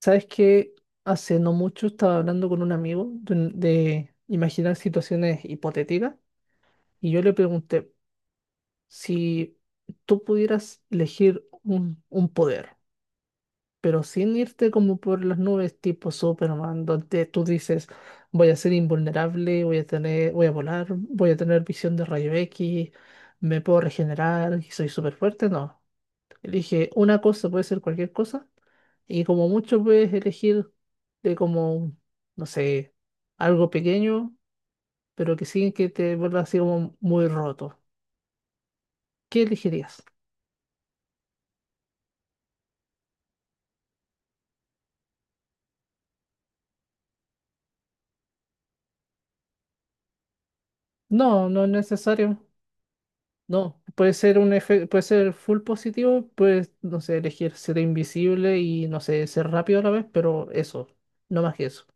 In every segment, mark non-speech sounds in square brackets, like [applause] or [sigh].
¿Sabes que? Hace no mucho estaba hablando con un amigo de, de imaginar situaciones hipotéticas y yo le pregunté si tú pudieras elegir un poder, pero sin irte como por las nubes tipo Superman, donde tú dices voy a ser invulnerable, voy a tener, voy a volar, voy a tener visión de rayo X, me puedo regenerar y soy súper fuerte. No, elige una cosa, puede ser cualquier cosa y como mucho puedes elegir de como, no sé, algo pequeño, pero que sí que te vuelva así como muy roto. ¿Qué elegirías? No, no es necesario. No, puede ser puede ser full positivo, puedes, no sé, elegir ser invisible y, no sé, ser rápido a la vez, pero eso, no más que eso.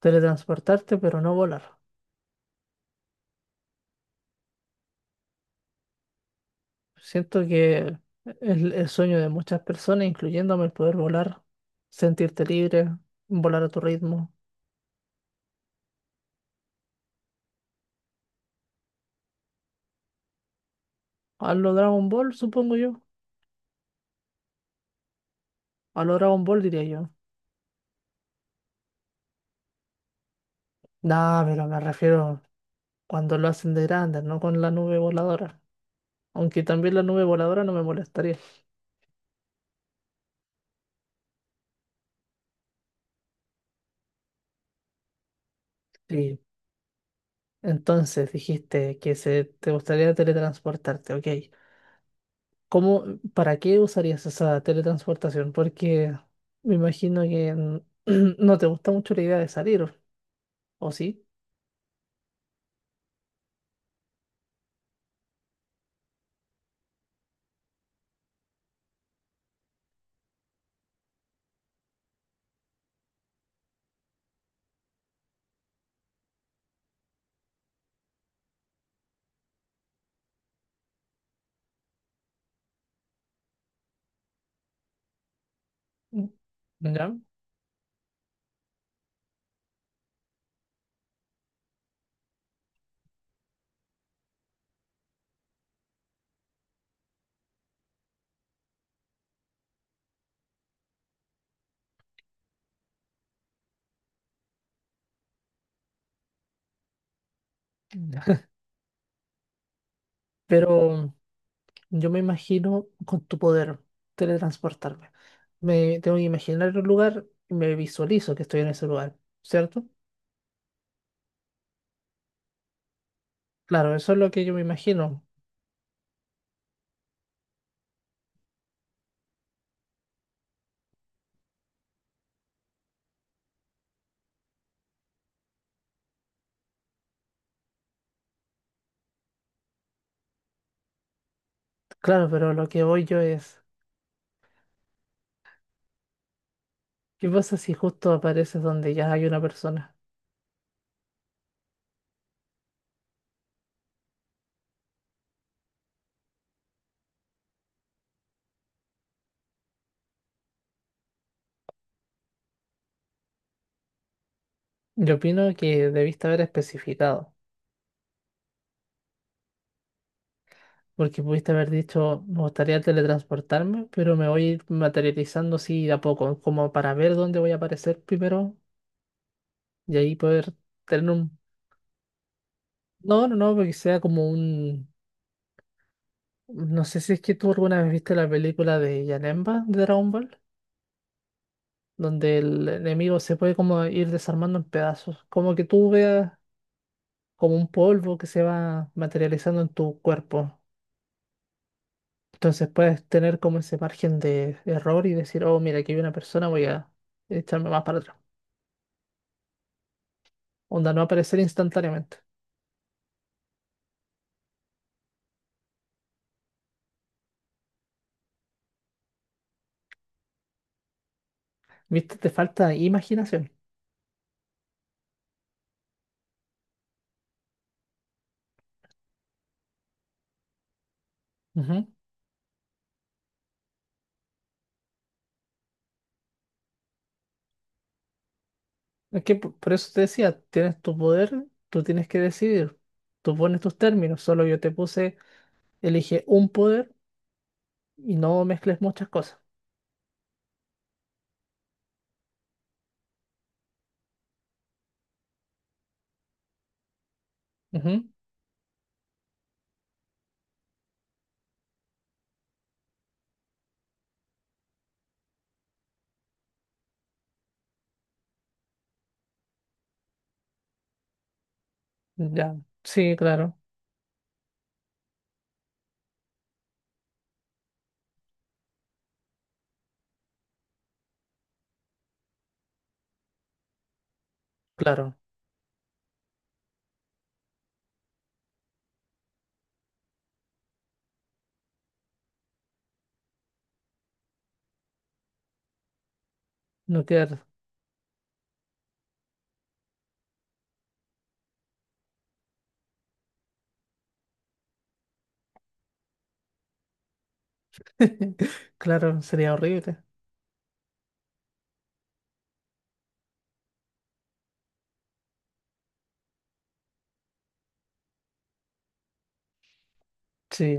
Teletransportarte, pero no volar. Siento que es el sueño de muchas personas, incluyéndome el poder volar, sentirte libre, volar a tu ritmo. A lo Dragon Ball, supongo yo. A lo Dragon Ball diría yo. Nah, pero me refiero cuando lo hacen de grande, no con la nube voladora. Aunque también la nube voladora no me molestaría. Sí. Entonces dijiste que se, te gustaría teletransportarte, ok. ¿Cómo, para qué usarías esa teletransportación? Porque me imagino que [clears throat] no te gusta mucho la idea de salir, ¿o sí? Mm, ¿Ya? [laughs] Pero yo me imagino con tu poder teletransportarme. Me tengo que imaginar un lugar y me visualizo que estoy en ese lugar, ¿cierto? Claro, eso es lo que yo me imagino. Claro, pero lo que voy yo es, ¿qué pasa si justo apareces donde ya hay una persona? Yo opino que debiste haber especificado, porque pudiste haber dicho, me gustaría teletransportarme, pero me voy a ir materializando así de a poco, como para ver dónde voy a aparecer primero y ahí poder tener un... No, no, no, porque sea como un... No sé si es que tú alguna vez viste la película de Janemba de Dragon Ball, donde el enemigo se puede como ir desarmando en pedazos, como que tú veas como un polvo que se va materializando en tu cuerpo. Entonces puedes tener como ese margen de error y decir, oh, mira, aquí hay una persona, voy a echarme más para atrás. Onda, no va a aparecer instantáneamente. ¿Viste? Te falta imaginación. Ujú. Es que por eso te decía, tienes tu poder, tú tienes que decidir. Tú pones tus términos, solo yo te puse: elige un poder y no mezcles muchas cosas. Ujú. Ya, sí, claro, claro, no queda. [laughs] Claro, sería horrible. Sí.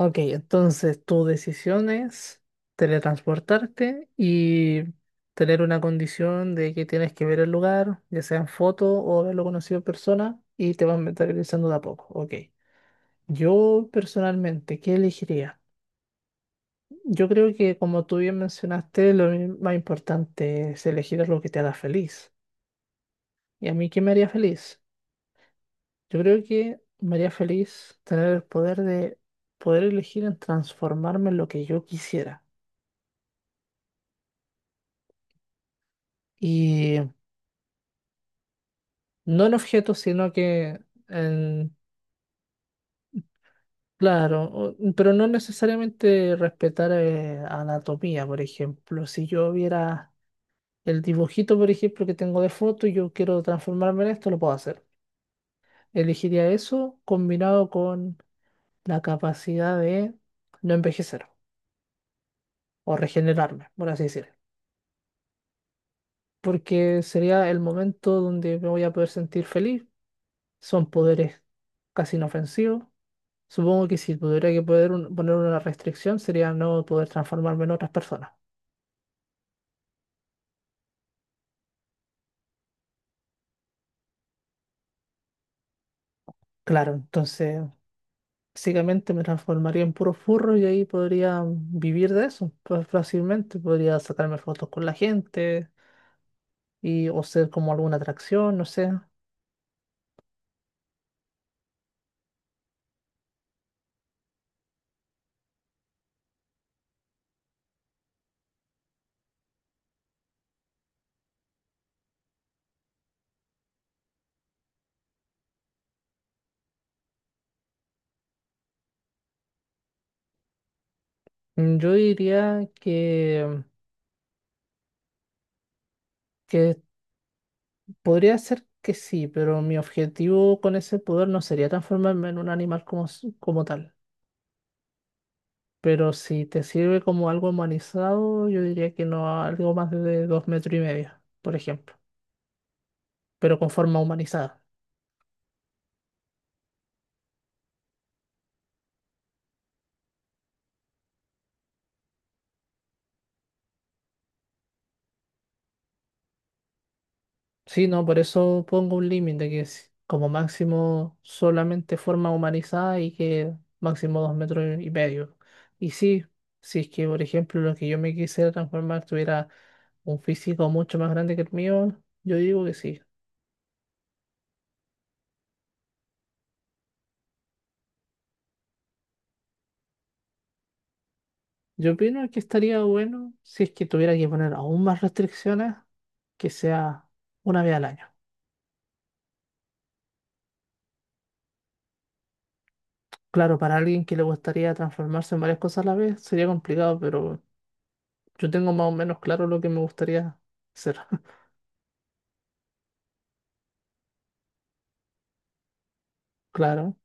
Ok, entonces tu decisión es teletransportarte y tener una condición de que tienes que ver el lugar, ya sea en foto o haberlo conocido en persona, y te vas mentalizando de a poco. Ok. Yo personalmente, ¿qué elegiría? Yo creo que como tú bien mencionaste, más importante es elegir lo que te haga feliz. ¿Y a mí qué me haría feliz? Yo creo que me haría feliz tener el poder de poder elegir en transformarme en lo que yo quisiera. Y no en objetos, sino que en, claro, pero no necesariamente respetar anatomía, por ejemplo. Si yo viera el dibujito, por ejemplo, que tengo de foto y yo quiero transformarme en esto, lo puedo hacer. Elegiría eso combinado con la capacidad de no envejecer o regenerarme, por así decirlo. Porque sería el momento donde me voy a poder sentir feliz. Son poderes casi inofensivos. Supongo que si tuviera que poner una restricción sería no poder transformarme en otras personas. Claro, entonces básicamente me transformaría en puro furro y ahí podría vivir de eso pues, fácilmente. Podría sacarme fotos con la gente y o ser como alguna atracción, no sé. Yo diría que podría ser que sí, pero mi objetivo con ese poder no sería transformarme en un animal como, como tal. Pero si te sirve como algo humanizado, yo diría que no algo más de dos metros y medio, por ejemplo, pero con forma humanizada. Sí, no, por eso pongo un límite que es como máximo solamente forma humanizada y que máximo dos metros y medio. Y sí, si es que, por ejemplo, lo que yo me quisiera transformar tuviera un físico mucho más grande que el mío, yo digo que sí. Yo opino que estaría bueno si es que tuviera que poner aún más restricciones, que sea una vez al año. Claro, para alguien que le gustaría transformarse en varias cosas a la vez sería complicado, pero yo tengo más o menos claro lo que me gustaría hacer. [laughs] Claro.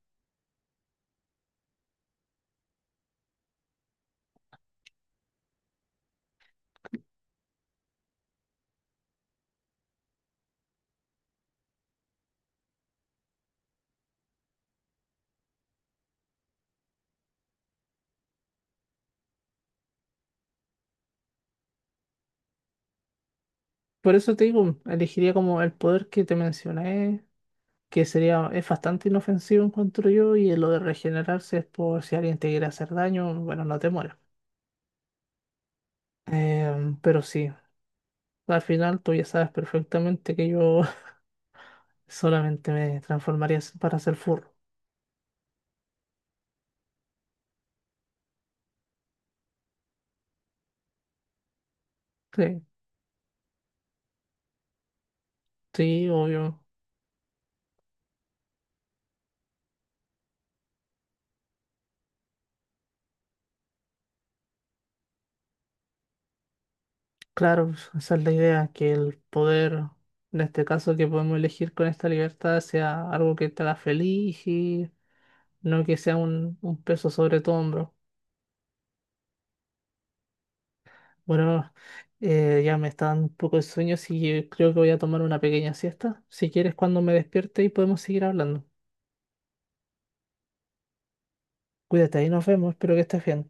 Por eso te digo, elegiría como el poder que te mencioné, que sería, es bastante inofensivo, encuentro yo, y lo de regenerarse es por si alguien te quiere hacer daño, bueno, no te mueres. Em, pero sí, al final tú ya sabes perfectamente que yo [laughs] solamente me transformaría para ser furro. Sí, sí, obvio. Claro, pues, esa es la idea, que el poder, en este caso que podemos elegir con esta libertad, sea algo que te haga feliz y no que sea un peso sobre tu hombro. Bueno, ya me está dando un poco de sueño, así que creo que voy a tomar una pequeña siesta. Si quieres, cuando me despierte y podemos seguir hablando. Cuídate y nos vemos, espero que estés bien.